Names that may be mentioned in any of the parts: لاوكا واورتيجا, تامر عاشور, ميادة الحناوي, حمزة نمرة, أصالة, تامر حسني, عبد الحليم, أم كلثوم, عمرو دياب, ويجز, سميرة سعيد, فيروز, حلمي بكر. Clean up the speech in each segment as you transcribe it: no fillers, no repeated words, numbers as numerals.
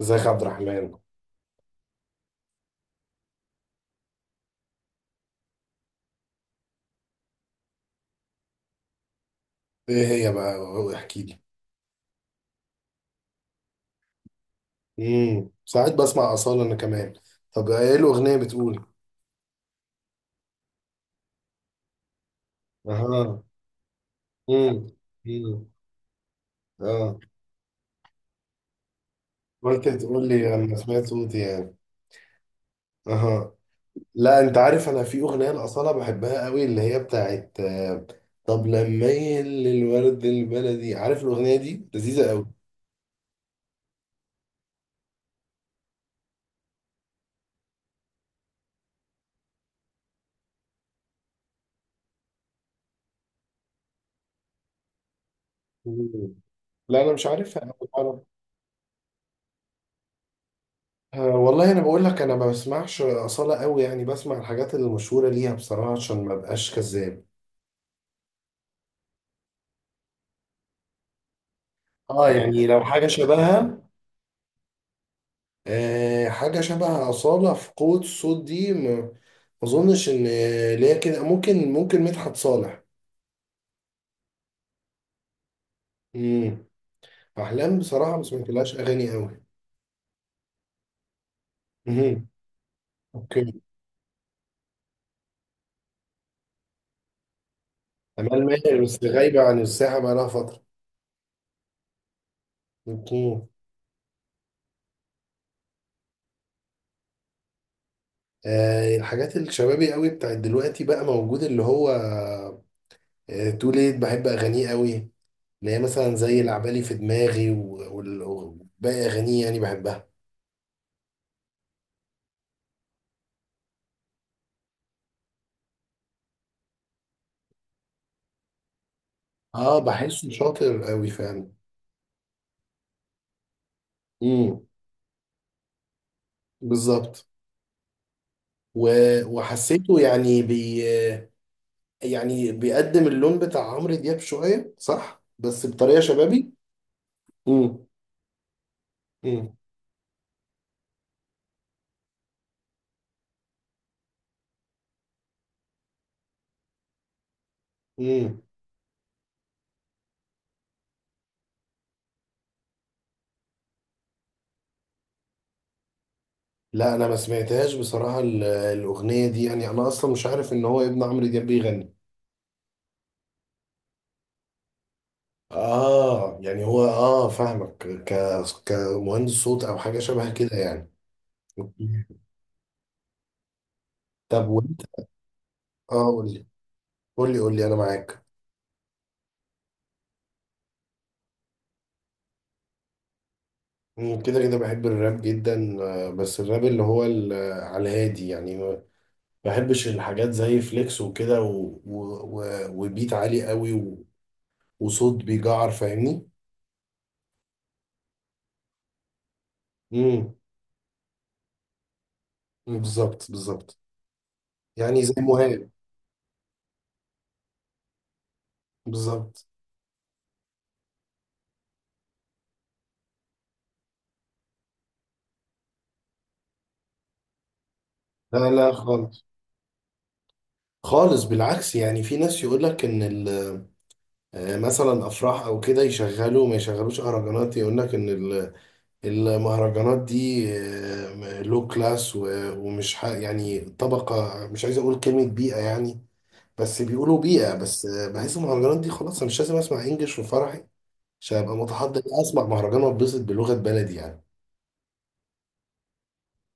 ازيك يا عبد الرحمن؟ ايه هي بقى، احكي لي. ساعات بسمع اصاله انا كمان. طب ايه الاغنيه بتقول؟ اها. امم. امم. اه. قلت تقول لي انا سمعت صوتي يعني. اها. لا انت عارف، انا في اغنيه لاصاله بحبها قوي اللي هي بتاعت طب لما يل الورد البلدي، عارف الاغنيه دي لذيذه قوي. مم. لا انا مش عارفها. أه والله انا بقول لك، انا ما بسمعش اصاله قوي، يعني بسمع الحاجات اللي مشهوره ليها بصراحه عشان ما ابقاش كذاب. اه اه، يعني لو حاجه شبهها، أه حاجه شبه اصاله في قوه الصوت دي، ما اظنش ان ليا كده. ممكن مدحت صالح. امم. احلام بصراحه ما سمعتلهاش اغاني قوي. امم. اوكي. امال ماهر بس غايبه عن الساحه بقى لها فتره. مم. آه الحاجات الشبابي قوي بتاعت دلوقتي بقى موجود، اللي هو آه تو ليت، بحب اغانيه قوي، اللي هي مثلا زي العبالي في دماغي وباقي أغانيه يعني بحبها. اه بحسه شاطر قوي فعلا. امم. بالظبط. وحسيته يعني بي، يعني بيقدم اللون بتاع عمرو دياب شوية صح بس بطريقة شبابي. امم. امم. امم. لا انا ما سمعتهاش بصراحة، الأغنية دي يعني انا اصلا مش عارف ان هو ابن عمرو دياب بيغني. اه يعني هو اه فاهمك. ك كمهندس صوت او حاجة شبه كده يعني. طب. اه قول لي، قول لي انا معاك. مم، كده كده بحب الراب جدا آه، بس الراب اللي هو على الهادي يعني ما بحبش الحاجات زي فليكس وكده و... وبيت عالي قوي وصوت بيجعر، فاهمني. امم. بالظبط بالظبط، يعني زي مهاب. بالظبط. لا لا خالص، خالص بالعكس. يعني في ناس يقول لك ان ال... آه، مثلا افراح او كده، يشغلوا ما يشغلوش اهرجانات، يقول لك ان المهرجانات دي لو كلاس يعني طبقة، مش عايز اقول كلمة بيئة يعني، بس بيقولوا بيئة. بس آه، بحس المهرجانات دي خلاص، انا مش لازم اسمع انجلش في فرحي عشان ابقى متحضر، اسمع مهرجان واتبسط بلغة بلدي يعني.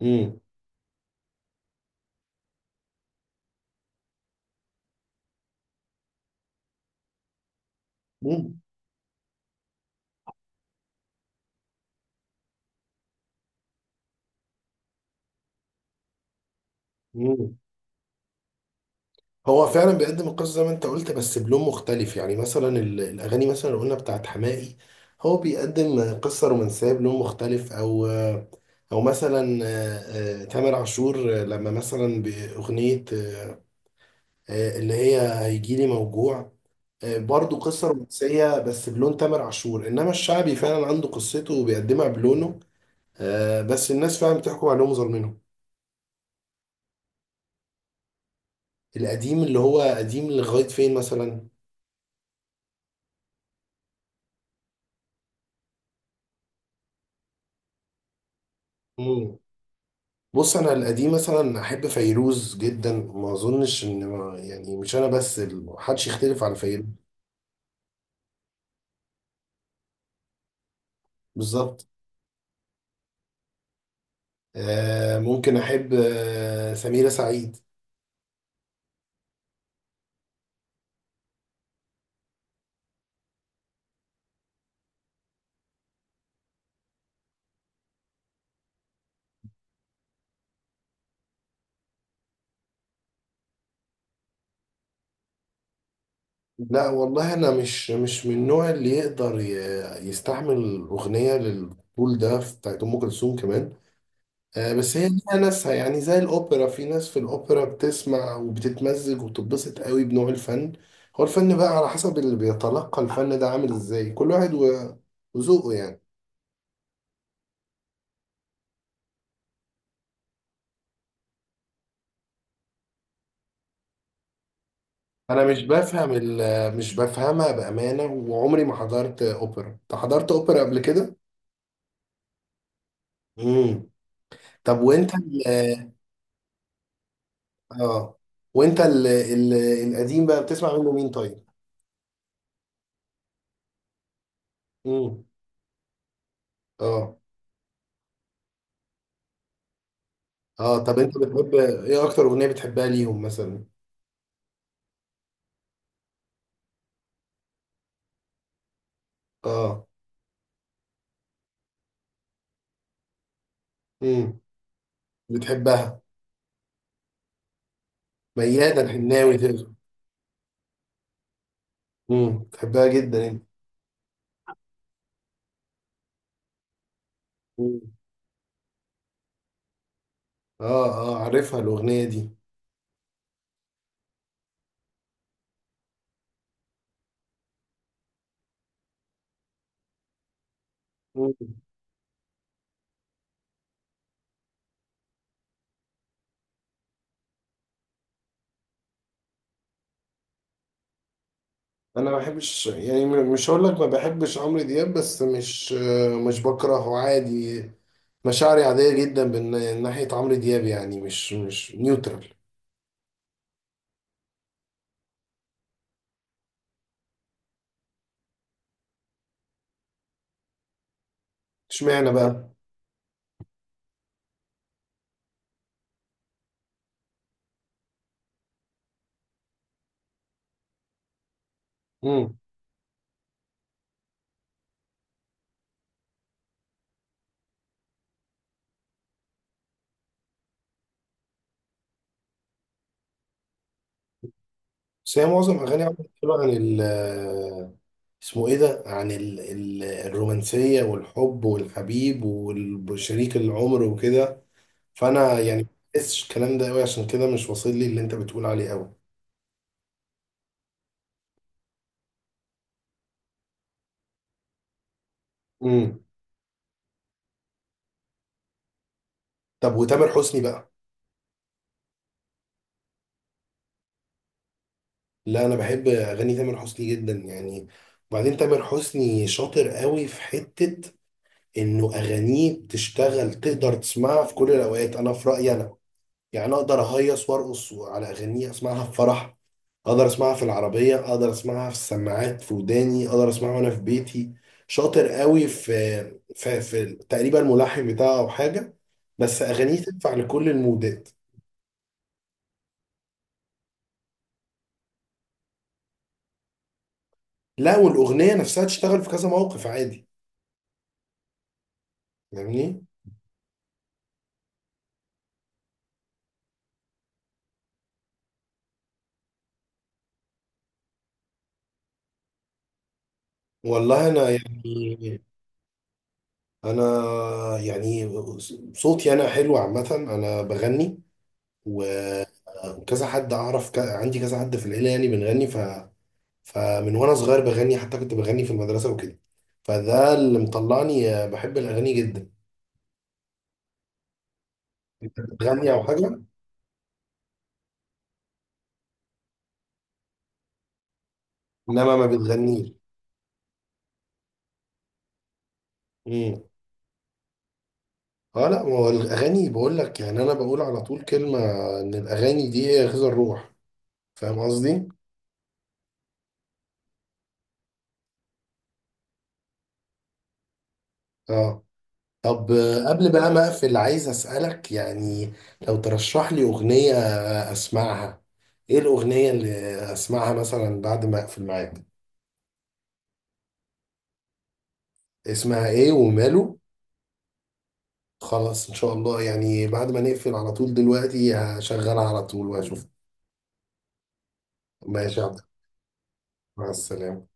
امم. امم. هو فعلا بيقدم القصة زي ما انت قلت بس بلون مختلف. يعني مثلا الأغاني مثلا اللي قلنا بتاعت حماقي، هو بيقدم قصة رومانسية بلون مختلف، أو أو مثلا تامر عاشور لما مثلا بأغنية اللي هي هيجيلي موجوع، برضو قصة رومانسية بس بلون تامر عاشور. إنما الشعبي فعلا عنده قصته وبيقدمها بلونه. بس الناس فعلا بتحكم عليهم ظالمينهم. القديم اللي هو قديم لغاية فين مثلا؟ بص انا القديم مثلا احب فيروز جدا، ما اظنش ان ما يعني مش انا بس، محدش يختلف على فيروز. بالظبط. آه ممكن احب آه سميرة سعيد. لا والله انا مش من النوع اللي يقدر يستحمل اغنيه للطول ده بتاعت ام كلثوم كمان. آه بس هي ليها ناسها يعني، زي الاوبرا، في ناس في الاوبرا بتسمع وبتتمزج وبتتبسط قوي بنوع الفن. هو الفن بقى على حسب اللي بيتلقى الفن ده عامل ازاي، كل واحد وذوقه يعني. انا مش بفهم مش بفهمها بامانه، وعمري ما حضرت اوبرا. انت حضرت اوبرا قبل كده؟ امم. طب وانت اه وانت القديم بقى بتسمع منه مين طيب؟ امم. اه. اه. طب انت بتحب ايه؟ اكتر اغنيه بتحبها ليهم مثلا؟ اه. امم. بتحبها؟ ميادة الحناوي تقصد. بتحبها جدا انت. مم. اه اه عارفها الاغنيه دي. انا ما بحبش يعني، مش هقول لك ما بحبش عمرو دياب بس مش بكرهه، عادي. مشاعري عادية جدا من ناحية عمرو دياب، يعني مش نيوترال. اشمعنى بقى؟ امم. بس هي معظم اغاني عمرو دياب عن ال، اسمه ايه ده، عن ال الرومانسية والحب والحبيب وشريك العمر وكده، فانا يعني ما بحسش الكلام ده قوي، عشان كده مش واصل لي اللي انت بتقول عليه قوي. امم. طب وتامر حسني بقى؟ لا انا بحب اغاني تامر حسني جدا يعني، وبعدين تامر حسني شاطر قوي في حتة، انه اغانيه بتشتغل، تقدر تسمعها في كل الاوقات. انا في رأيي انا، يعني أنا اقدر اهيص وارقص على اغانيه، اسمعها في فرح، اقدر اسمعها في العربية، اقدر اسمعها في السماعات في وداني، اقدر اسمعها وانا في بيتي. شاطر قوي في تقريبا الملحن بتاعه او حاجة. بس اغانيه تنفع لكل المودات. لا والاغنية نفسها تشتغل في كذا موقف عادي، فاهمني. والله انا يعني، انا يعني صوتي انا حلو عامه، انا بغني، و- وكذا حد اعرف عندي كذا حد في العيله يعني بنغني فمن وانا صغير بغني، حتى كنت بغني في المدرسه وكده، فده اللي مطلعني بحب الاغاني جدا. انت بتغني او حاجه؟ انما ما بتغنيش. امم. اه لا، ما هو الاغاني بقول لك، يعني انا بقول على طول كلمه ان الاغاني دي هي غذاء الروح، فاهم قصدي؟ اه. طب قبل بقى ما اقفل عايز اسالك يعني، لو ترشح لي اغنيه اسمعها، ايه الاغنيه اللي اسمعها مثلا بعد ما اقفل معاك؟ اسمها ايه وماله. خلاص ان شاء الله، يعني بعد ما نقفل على طول دلوقتي هشغلها على طول واشوف. ماشي يا عبد. مع السلامه.